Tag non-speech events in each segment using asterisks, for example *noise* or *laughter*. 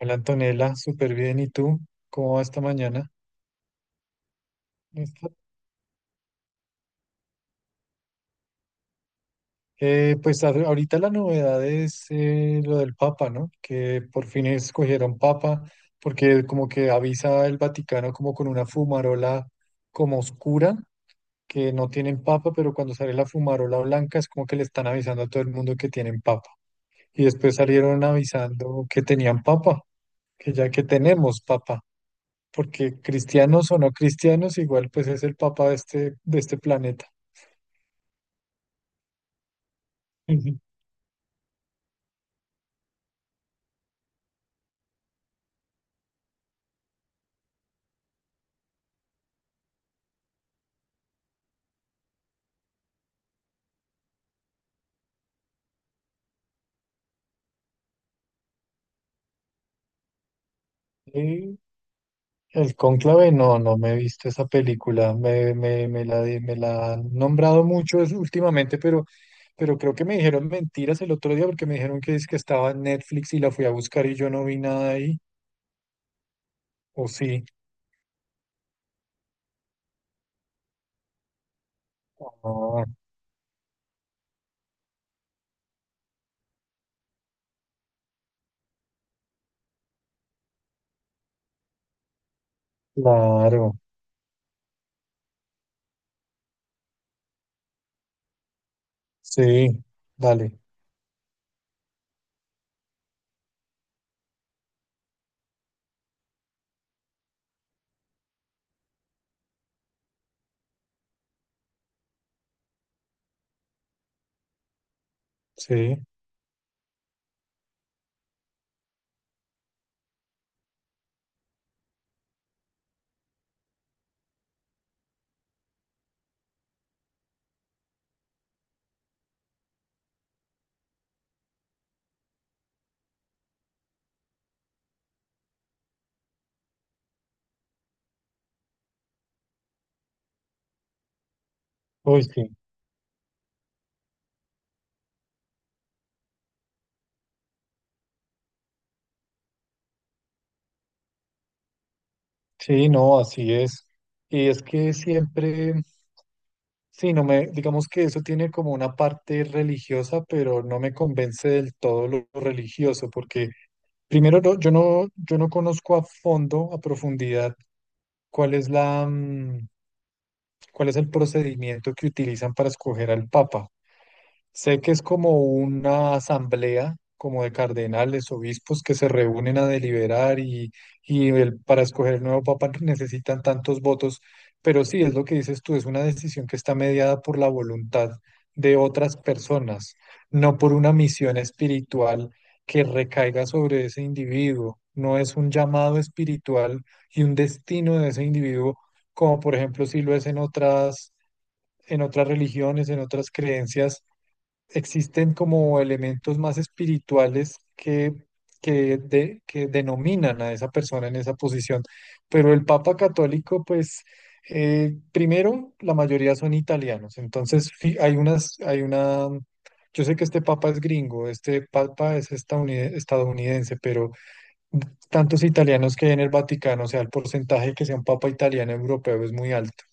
Hola Antonella, súper bien. ¿Y tú? ¿Cómo va esta mañana? Listo. Pues ahorita la novedad es lo del Papa, ¿no? Que por fin escogieron Papa, porque como que avisa el Vaticano como con una fumarola como oscura, que no tienen Papa, pero cuando sale la fumarola blanca es como que le están avisando a todo el mundo que tienen Papa. Y después salieron avisando que tenían Papa, que ya que tenemos Papa, porque cristianos o no cristianos, igual pues es el Papa de este planeta. Ujú. Eh, El Cónclave, no, no me he visto esa película. Me la han nombrado mucho últimamente, pero creo que me dijeron mentiras el otro día porque me dijeron que es que estaba en Netflix y la fui a buscar y yo no vi nada ahí. ¿O sí? Ah, claro. Sí, dale. Sí. Uy, sí. Sí, no, así es. Y es que siempre. Sí, no me, digamos que eso tiene como una parte religiosa, pero no me convence del todo lo religioso, porque primero yo no conozco a fondo, a profundidad, cuál es la, mm, cuál es el procedimiento que utilizan para escoger al Papa. Sé que es como una asamblea, como de cardenales, obispos que se reúnen a deliberar y para escoger el nuevo papa necesitan tantos votos, pero sí, es lo que dices tú, es una decisión que está mediada por la voluntad de otras personas, no por una misión espiritual que recaiga sobre ese individuo. No es un llamado espiritual y un destino de ese individuo, como por ejemplo si lo es en otras religiones, en otras creencias existen como elementos más espirituales que, que denominan a esa persona en esa posición. Pero el Papa Católico, pues, primero, la mayoría son italianos. Entonces, hay una, yo sé que este Papa es gringo, este Papa es estadounidense, pero tantos italianos que hay en el Vaticano, o sea, el porcentaje que sea un papa italiano europeo es muy alto.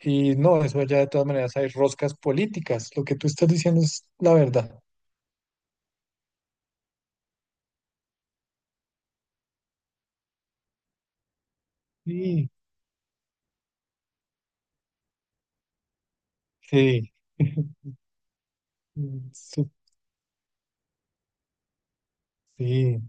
Y no, eso allá de todas maneras hay roscas políticas. Lo que tú estás diciendo es la verdad. Sí, sí. *laughs* Mm. Sí.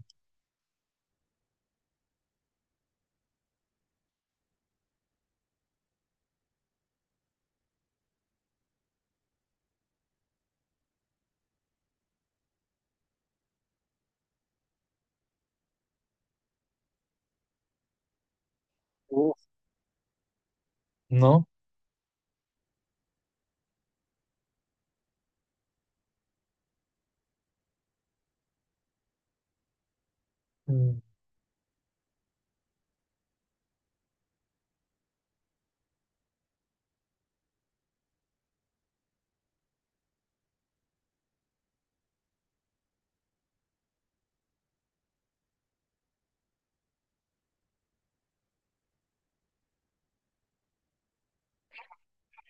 Uf, ¿no? Mm,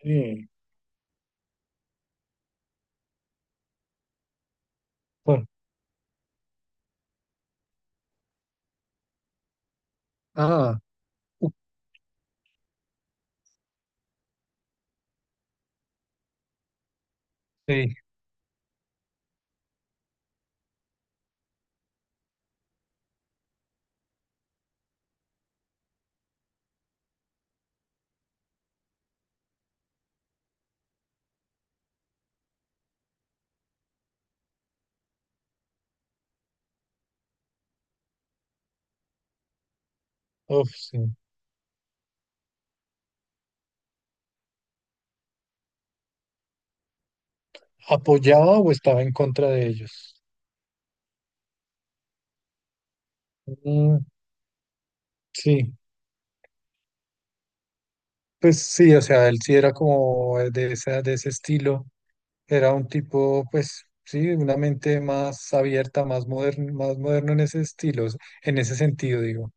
sí. Bueno, ah, uf, sí. Uf, sí. ¿Apoyaba o estaba en contra de ellos? Mm, sí. Pues sí, o sea, él sí era como de esa, de ese estilo. Era un tipo, pues sí, una mente más abierta, más moderno en ese estilo, en ese sentido, digo.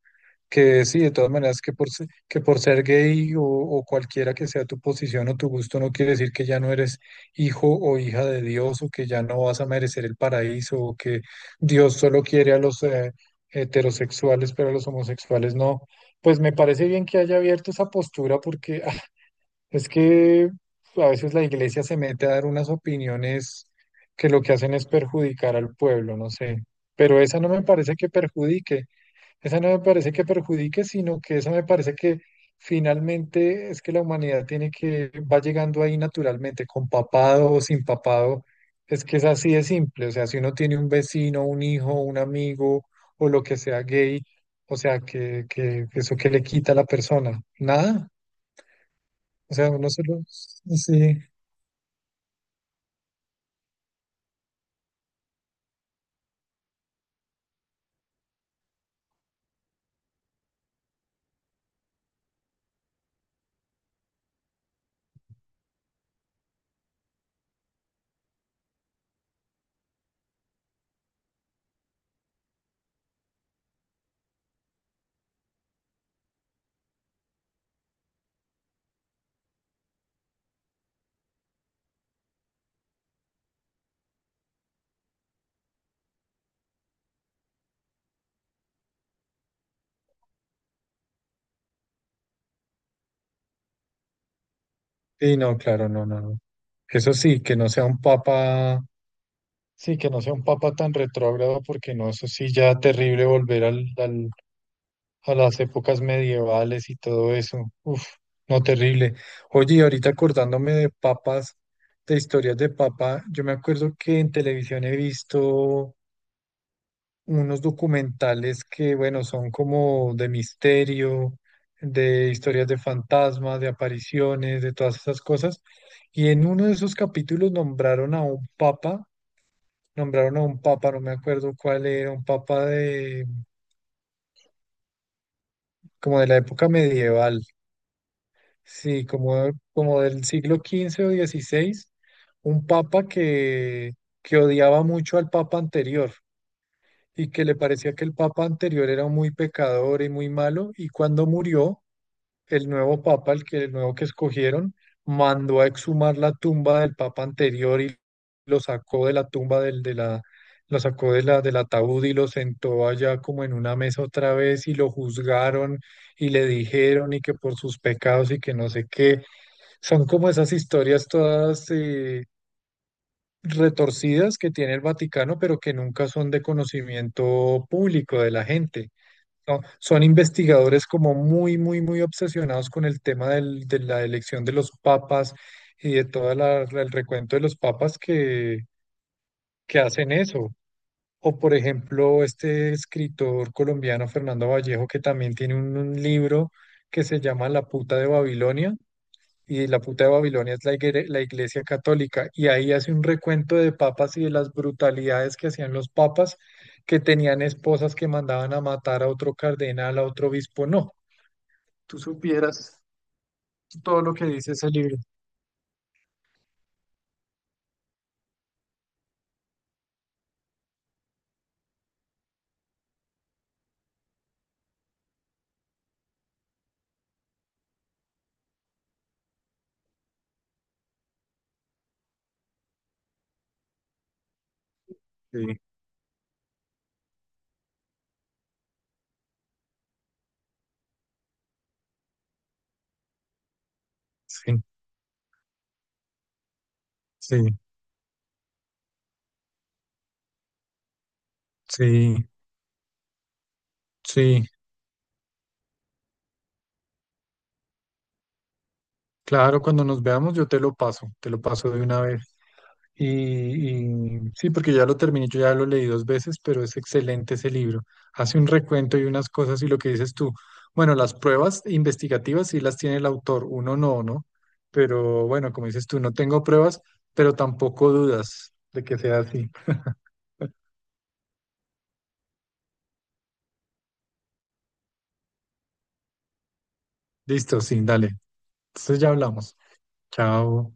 Que sí, de todas maneras, que por ser gay o cualquiera que sea tu posición o tu gusto, no quiere decir que ya no eres hijo o hija de Dios o que ya no vas a merecer el paraíso o que Dios solo quiere a los heterosexuales, pero a los homosexuales no. Pues me parece bien que haya abierto esa postura porque ah, es que a veces la iglesia se mete a dar unas opiniones que lo que hacen es perjudicar al pueblo, no sé. Pero esa no me parece que perjudique. Esa no me parece que perjudique, sino que esa me parece que finalmente es que la humanidad tiene que, va llegando ahí naturalmente, con papado o sin papado, es que es así de simple, o sea, si uno tiene un vecino, un hijo, un amigo o lo que sea gay, o sea, que eso que le quita a la persona, nada, o sea, uno solo, sí, sí, no, claro, no, no, no. Eso sí, que no sea un papa, sí, que no sea un papa tan retrógrado, porque no, eso sí ya terrible volver a las épocas medievales y todo eso. Uf, no terrible. Oye, y ahorita acordándome de papas, de historias de papa, yo me acuerdo que en televisión he visto unos documentales que, bueno, son como de misterio, de historias de fantasmas, de apariciones, de todas esas cosas. Y en uno de esos capítulos nombraron a un papa, nombraron a un papa, no me acuerdo cuál era, un papa de como de la época medieval. Sí, como, como del siglo XV o XVI, un papa que odiaba mucho al papa anterior y que le parecía que el papa anterior era muy pecador y muy malo, y cuando murió, el nuevo papa, el que, el nuevo que escogieron, mandó a exhumar la tumba del papa anterior y lo sacó de la tumba del, de la, lo sacó de la, del ataúd y lo sentó allá como en una mesa otra vez y lo juzgaron y le dijeron y que por sus pecados y que no sé qué, son como esas historias todas retorcidas que tiene el Vaticano, pero que nunca son de conocimiento público de la gente. ¿No? Son investigadores como muy, muy, muy obsesionados con el tema de la elección de los papas y de todo el recuento de los papas que hacen eso. O por ejemplo, este escritor colombiano Fernando Vallejo, que también tiene un libro que se llama La puta de Babilonia, y la puta de Babilonia es la Iglesia Católica, y ahí hace un recuento de papas y de las brutalidades que hacían los papas, que tenían esposas que mandaban a matar a otro cardenal, a otro obispo. No, tú supieras todo lo que dice ese libro. Sí, sí, sí, sí, sí. Claro, cuando nos veamos yo te lo paso de una vez. Y, y sí, porque ya lo terminé, yo ya lo leí dos veces, pero es excelente ese libro. Hace un recuento y unas cosas y lo que dices tú. Bueno, las pruebas investigativas sí las tiene el autor, uno no, ¿no? Pero bueno, como dices tú, no tengo pruebas, pero tampoco dudas de que sea así. Listo, sí, dale. Entonces ya hablamos. Chao.